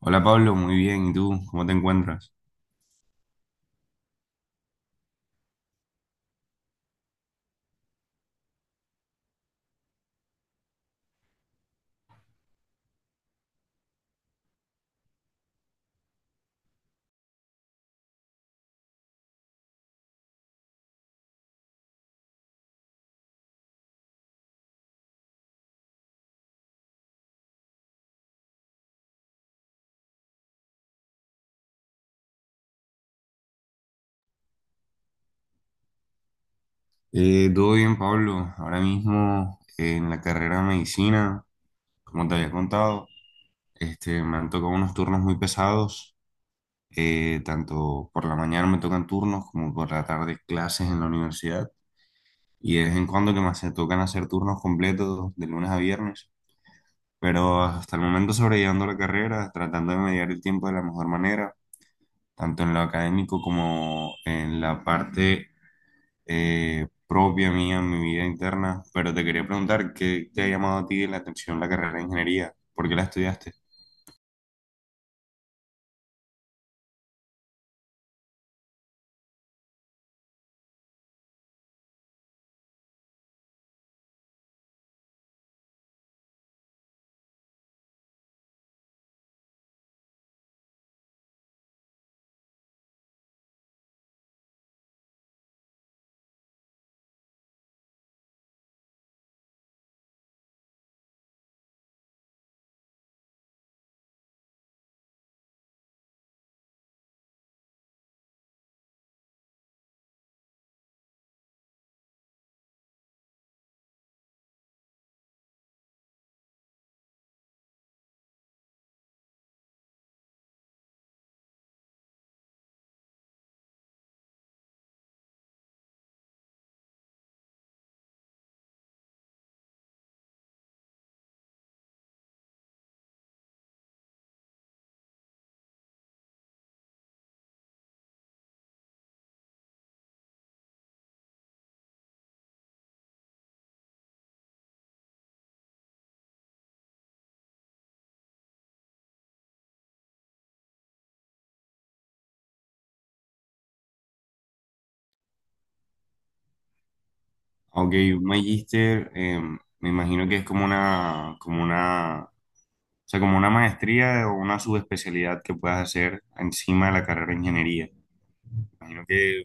Hola Pablo, muy bien. ¿Y tú? ¿Cómo te encuentras? Todo bien, Pablo. Ahora mismo en la carrera de medicina, como te había contado, me han tocado unos turnos muy pesados. Tanto por la mañana me tocan turnos como por la tarde clases en la universidad. Y de vez en cuando que tocan hacer turnos completos de lunes a viernes. Pero hasta el momento sobrellevando la carrera, tratando de mediar el tiempo de la mejor manera, tanto en lo académico como en la parte propia mía, en mi vida interna. Pero te quería preguntar, ¿qué te ha llamado a ti la atención la carrera de ingeniería? ¿Por qué la estudiaste? Ok, un magíster, me imagino que es como una, o sea, como una maestría o una subespecialidad que puedas hacer encima de la carrera de ingeniería. Imagino que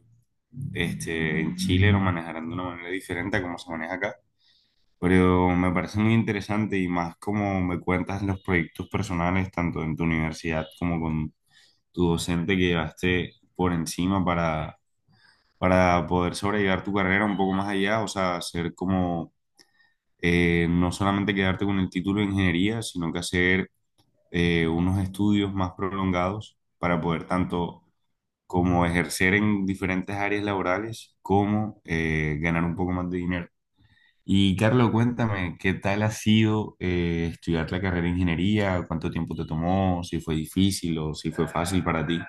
en Chile lo manejarán de una manera diferente a como se maneja acá. Pero me parece muy interesante, y más como me cuentas los proyectos personales, tanto en tu universidad como con tu docente que llevaste por encima para poder sobrellevar tu carrera un poco más allá, o sea, hacer como no solamente quedarte con el título de ingeniería, sino que hacer unos estudios más prolongados para poder tanto como ejercer en diferentes áreas laborales como ganar un poco más de dinero. Y Carlos, cuéntame, ¿qué tal ha sido estudiar la carrera de ingeniería? ¿Cuánto tiempo te tomó? ¿Si fue difícil o si fue fácil para ti?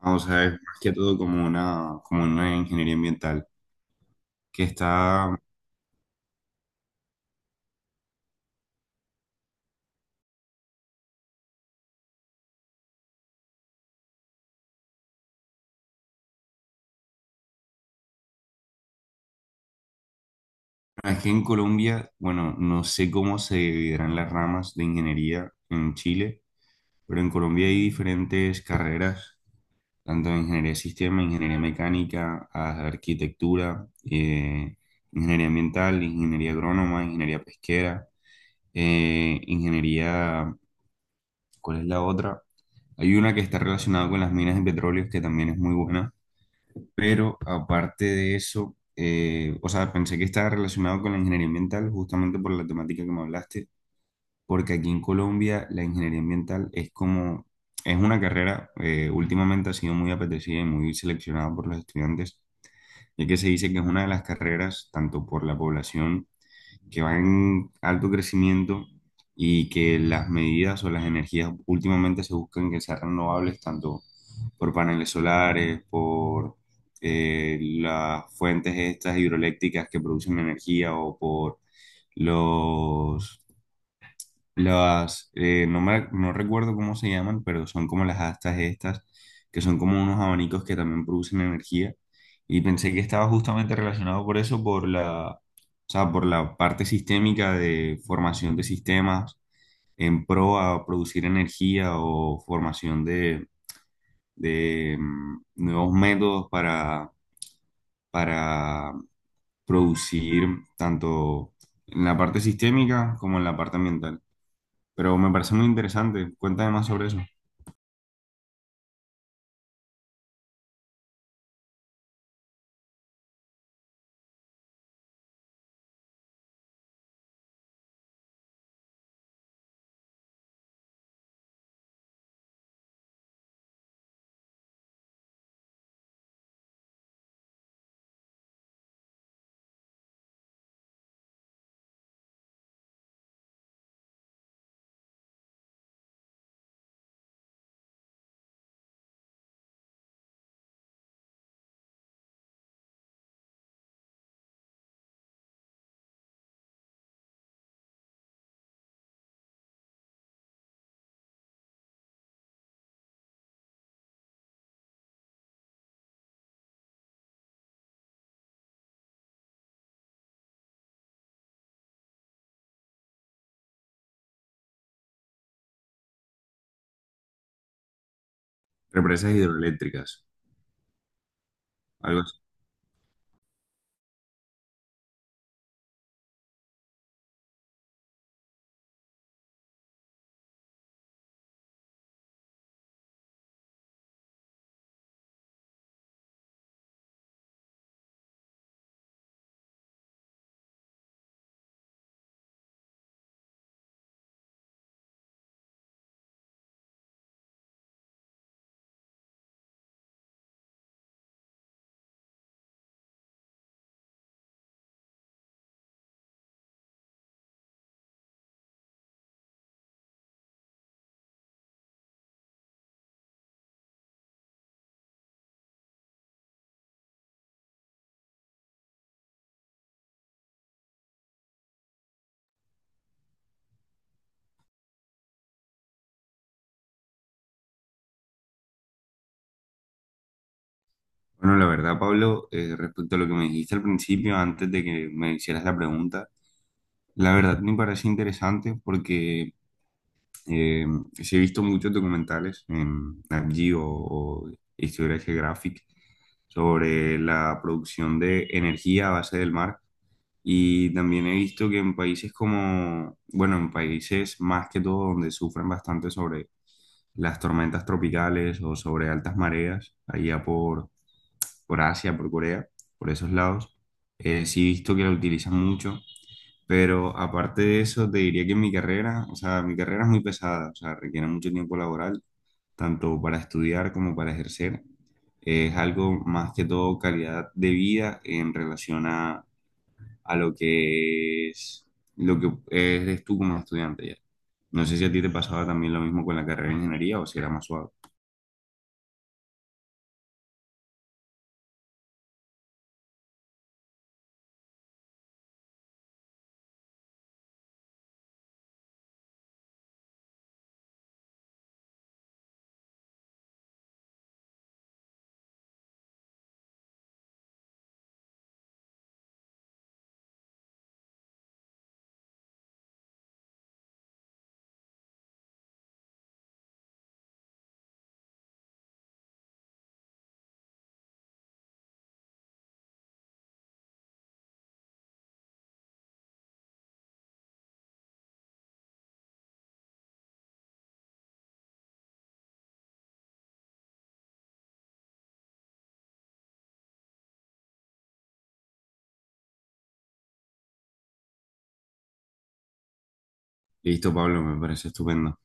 Ah, o sea, es más que todo como una ingeniería ambiental, que está... Es que en Colombia, bueno, no sé cómo se dividirán las ramas de ingeniería en Chile, pero en Colombia hay diferentes carreras, tanto de ingeniería de sistema, ingeniería mecánica, arquitectura, ingeniería ambiental, ingeniería agrónoma, ingeniería pesquera, ingeniería, ¿cuál es la otra? Hay una que está relacionada con las minas de petróleo que también es muy buena. Pero aparte de eso, o sea, pensé que estaba relacionado con la ingeniería ambiental justamente por la temática que me hablaste, porque aquí en Colombia la ingeniería ambiental es como... Es una carrera, últimamente ha sido muy apetecida y muy seleccionada por los estudiantes, ya que se dice que es una de las carreras, tanto por la población, que va en alto crecimiento, y que las medidas o las energías últimamente se buscan que sean renovables, tanto por paneles solares, por las fuentes estas hidroeléctricas que producen energía, o por los no recuerdo cómo se llaman, pero son como las astas estas, que son como unos abanicos que también producen energía. Y pensé que estaba justamente relacionado por eso, por la, o sea, por la parte sistémica de formación de sistemas en pro a producir energía, o formación de nuevos métodos para producir tanto en la parte sistémica como en la parte ambiental. Pero me parece muy interesante. Cuéntame más sobre eso. Represas hidroeléctricas, algo así. Bueno, la verdad, Pablo, respecto a lo que me dijiste al principio, antes de que me hicieras la pregunta, la verdad me parece interesante, porque eh, sí he visto muchos documentales en Nat Geo o Historia Geographic sobre la producción de energía a base del mar. Y también he visto que en países como, bueno, en países más que todo donde sufren bastante sobre las tormentas tropicales o sobre altas mareas, allá por Asia, por Corea, por esos lados. Sí he visto que la utilizan mucho, pero aparte de eso, te diría que mi carrera, o sea, mi carrera es muy pesada, o sea, requiere mucho tiempo laboral, tanto para estudiar como para ejercer. Es algo más que todo calidad de vida en relación a lo que es, lo que eres tú como estudiante ya. No sé si a ti te pasaba también lo mismo con la carrera de ingeniería o si era más suave. Listo, Pablo, me parece estupendo.